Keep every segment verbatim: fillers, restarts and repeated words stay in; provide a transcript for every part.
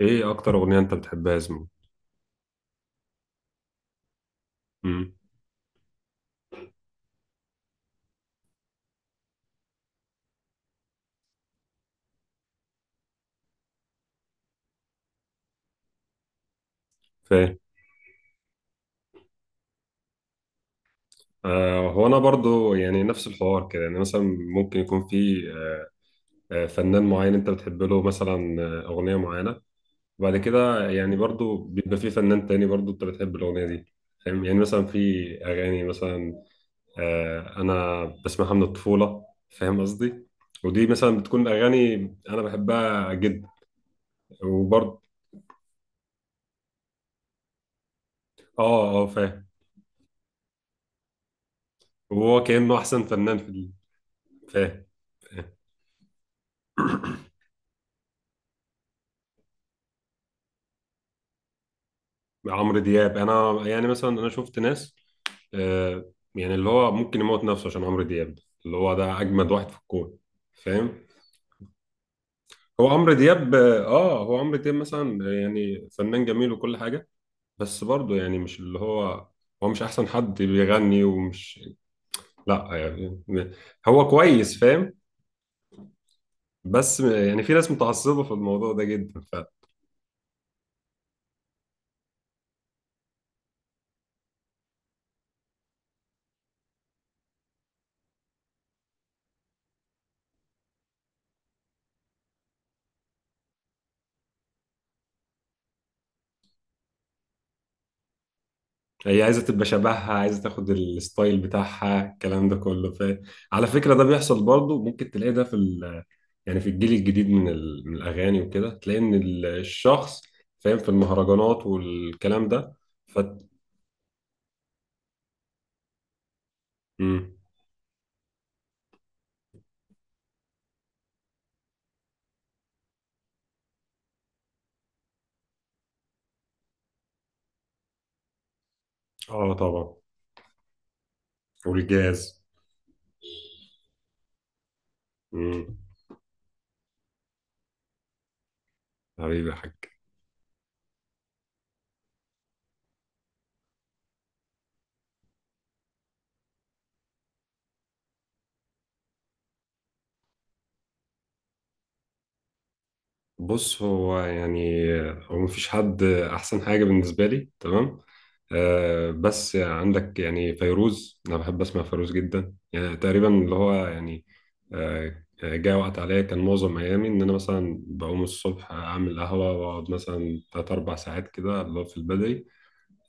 ايه اكتر اغنيه انت بتحبها يا زميلي؟ امم فاهم. آه، هو انا برضو يعني نفس الحوار كده، يعني مثلا ممكن يكون في آه، فنان معين انت بتحب له، مثلا آه، اغنيه معينه. وبعد كده يعني برضو بيبقى في فنان تاني برضو انت بتحب الاغنيه دي. فاهم. يعني مثلا في اغاني مثلا آه، انا بسمعها من الطفوله. فاهم قصدي؟ ودي مثلا بتكون اغاني انا بحبها جدا. وبرضو اه اه فاهم. وهو كانه احسن فنان في ال- فاهم. عمرو دياب، انا يعني مثلا انا شفت ناس آه، يعني اللي هو ممكن يموت نفسه عشان عمرو دياب، اللي هو ده اجمد واحد في الكون. فاهم. هو عمرو دياب اه هو عمرو دياب مثلا يعني فنان جميل وكل حاجه، بس برضه يعني مش اللي هو، هو مش احسن حد بيغني ومش، لا يعني، هو كويس. فاهم. بس يعني في ناس متعصبه في الموضوع ده جدا. هي عايزة تبقى شبهها، عايزة تاخد الستايل بتاعها، الكلام ده كله. ف... على فكرة ده بيحصل برضه. ممكن تلاقي ده في ال... يعني في الجيل الجديد من، ال... من الأغاني وكده، تلاقي إن ال- الشخص فاهم في المهرجانات والكلام ده. ف... مم. اه طبعا. والجاز. مم. حبيبي يا حاج. بص، هو يعني هو مفيش حد أحسن حاجة بالنسبة لي، تمام. آه، بس عندك يعني فيروز، أنا بحب أسمع فيروز جدا، يعني تقريبا اللي هو يعني آه، جاء وقت عليا كان معظم أيامي إن أنا مثلا بقوم الصبح أعمل قهوة وأقعد مثلا تلات أربع ساعات كده اللي هو في البدري،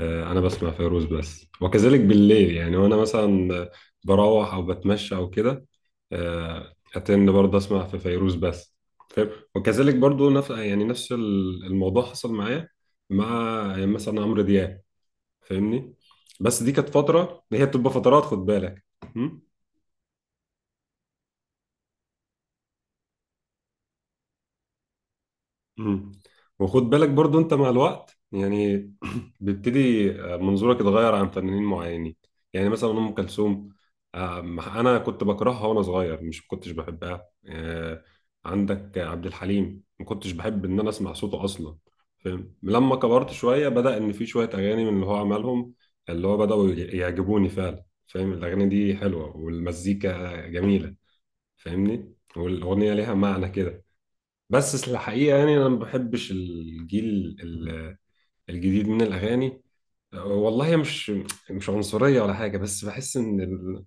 آه، انا بسمع فيروز بس. وكذلك بالليل يعني وانا مثلا بروح او بتمشى او كده، آه، اتند برضه اسمع في فيروز بس. فاهم. وكذلك برضه نفس يعني نفس ال- الموضوع حصل معايا مع يعني مثلا عمرو دياب. فاهمني؟ بس دي كانت فترة، هي بتبقى فترات، خد بالك. م؟ مم. وخد بالك برضو انت مع الوقت يعني بيبتدي آه، منظورك يتغير عن فنانين معينين. يعني مثلا ام كلثوم، آم، انا كنت بكرهها وانا صغير، مش ما كنتش بحبها. آه، عندك عبد الحليم ما كنتش بحب ان انا اسمع صوته اصلا. فاهم. لما كبرت شويه بدا ان في شويه اغاني من اللي هو عملهم اللي هو بداوا يعجبوني فعلا. فاهم. الاغاني دي حلوه والمزيكا جميله. فاهمني؟ والاغنيه ليها معنى كده. بس الحقيقة يعني أنا ما بحبش الجيل ال- الجديد من الأغاني. والله مش، مش عنصرية ولا حاجة، بس بحس إن ال...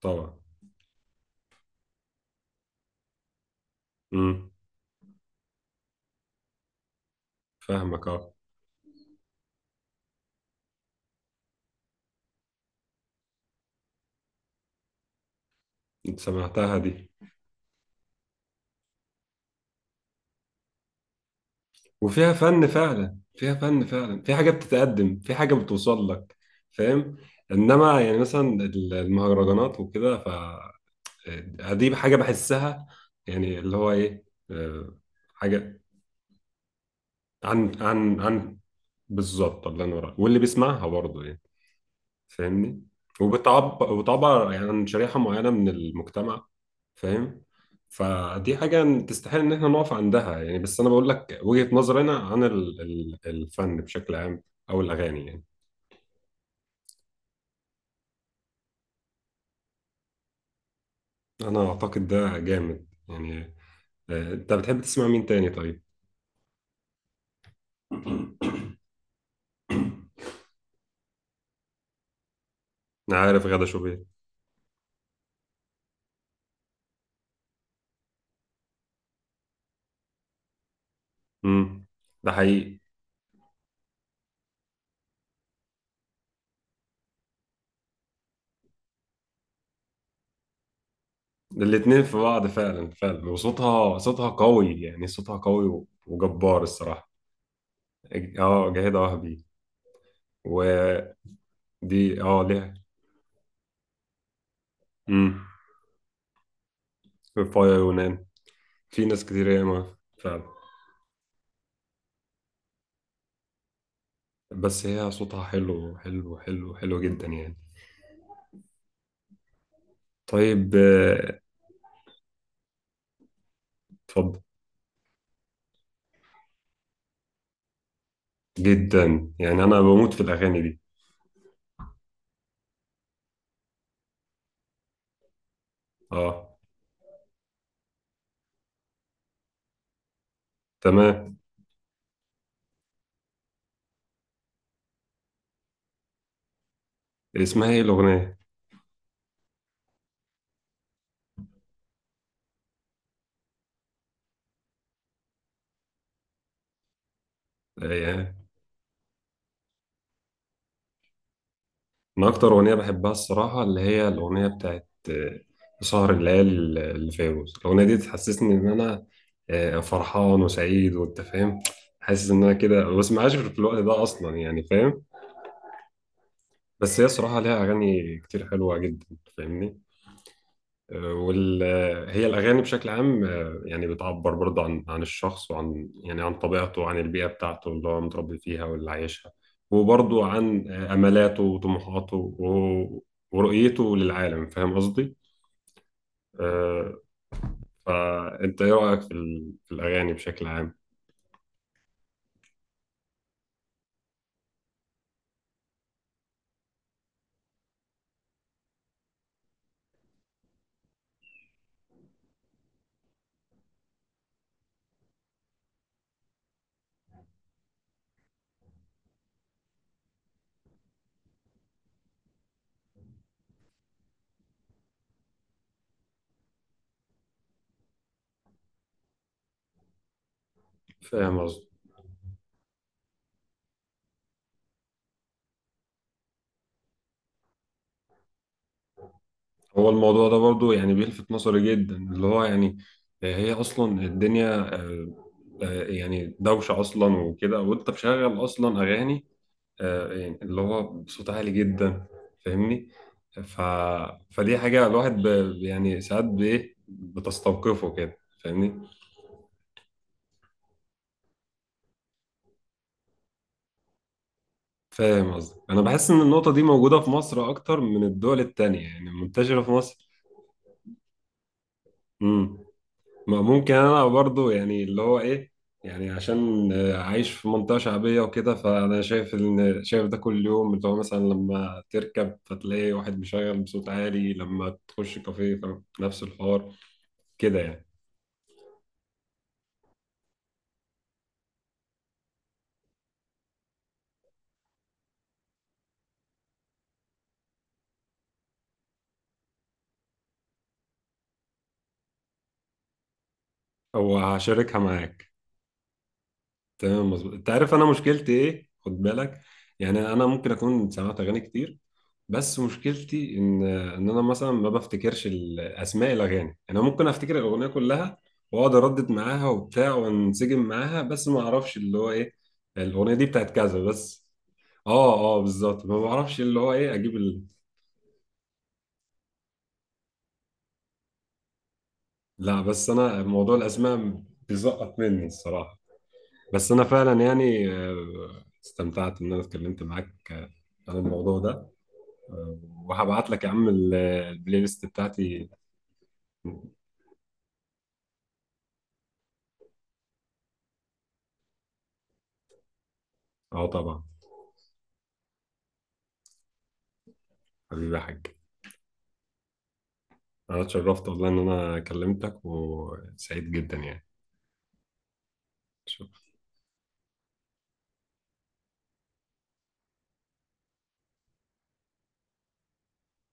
طبعا. امم. فاهمك أه. أنت سمعتها دي؟ وفيها فن فعلا، فيها فن فعلا، في حاجة بتتقدم، في حاجة بتوصل لك. فاهم. إنما يعني مثلا ال- المهرجانات وكده، ف دي حاجة بحسها، يعني اللي هو إيه آه، حاجة. عن عن عن بالظبط، الله ينور عليك. واللي بيسمعها برضه يعني. فاهمني؟ وبتعبر وتعبر يعني عن شريحة معينة من المجتمع. فاهم. فدي حاجة تستحيل إن إحنا نقف عندها يعني، بس أنا بقول لك وجهة نظرنا عن ال- ال- الفن بشكل عام أو الأغاني يعني. أنا أعتقد ده جامد يعني. آه، أنت بتحب تسمع مين تاني طيب؟ أنا عارف غادة شوبير. امم. ده حقيقي. الاتنين في بعض فعلا فعلا، وصوتها، صوتها قوي يعني، صوتها قوي وجبار الصراحة. اه جاهدة وهبي. ودي اه ليها. امم. فايا يونان. في ناس كتير ياما، فعلا. بس هي صوتها حلو حلو حلو حلو جدا يعني. طيب آه، اتفضل. جدا يعني، انا بموت في الاغاني دي. اه. تمام. اسمها ايه الاغنيه؟ آه، يعني انا اكتر اغنيه بحبها الصراحه، اللي هي الاغنيه بتاعت آه، سهر الليالي اللي فيروز. الاغنيه دي تحسسني ان انا آه، فرحان وسعيد، وانت فاهم، حاسس ان انا كده. ما بسمعهاش في الوقت ده اصلا يعني. فاهم. بس هي صراحة ليها أغاني كتير حلوة جدا. فاهمني؟ آه، وال آه، هي الأغاني بشكل عام آه، يعني بتعبر برضه عن عن الشخص، وعن يعني عن طبيعته، وعن البيئة بتاعته اللي هو متربي فيها واللي عايشها. وبرضه عن آه، أملاته وطموحاته و- ورؤيته للعالم. فاهم قصدي؟ آه، فأنت إيه رأيك في ال- في الأغاني بشكل عام؟ فاهم قصدي؟ هو الموضوع ده برضو يعني بيلفت نظري جدا اللي هو يعني آه، هي اصلا الدنيا آه، آه، يعني دوشة اصلا وكده. وانت مشغل اصلا اغاني آه، يعني اللي هو بصوت عالي جدا. فاهمني؟ ف... فدي حاجة الواحد ب... يعني ساعات بايه بتستوقفه كده. فاهمني؟ فاهم قصدي؟ انا بحس ان النقطة دي موجودة في مصر اكتر من الدول التانية، يعني منتشرة في مصر. امم. ما ممكن انا برضو يعني اللي هو ايه، يعني عشان آه، عايش في منطقة شعبية وكده، فانا شايف ان شايف ده كل يوم، اللي هو مثلا لما تركب فتلاقي واحد مشغل بصوت عالي، لما تخش كافيه فنفس الحوار كده يعني. او هشاركها معاك. تمام، مظبوط. انت عارف انا مشكلتي ايه؟ خد بالك، يعني انا ممكن اكون سمعت اغاني كتير، بس مشكلتي ان ان انا مثلا ما بفتكرش ال- اسماء الاغاني. يعني انا ممكن افتكر الاغنيه كلها واقعد اردد معاها وبتاع وانسجم معاها، بس ما اعرفش اللي هو ايه، الاغنيه دي بتاعت كذا بس. اه اه بالظبط. ما بعرفش اللي هو ايه اجيب ال... لا، بس انا موضوع الاسماء بيزقط مني الصراحه. بس انا فعلا يعني آه، استمتعت ان انا اتكلمت معاك آه، عن الموضوع ده. آه، وهبعت لك يا عم ال- البلاي ليست بتاعتي. اه طبعا. حبيبي يا حاج. انا اتشرفت والله ان انا كلمتك وسعيد جدا يعني. شكرا.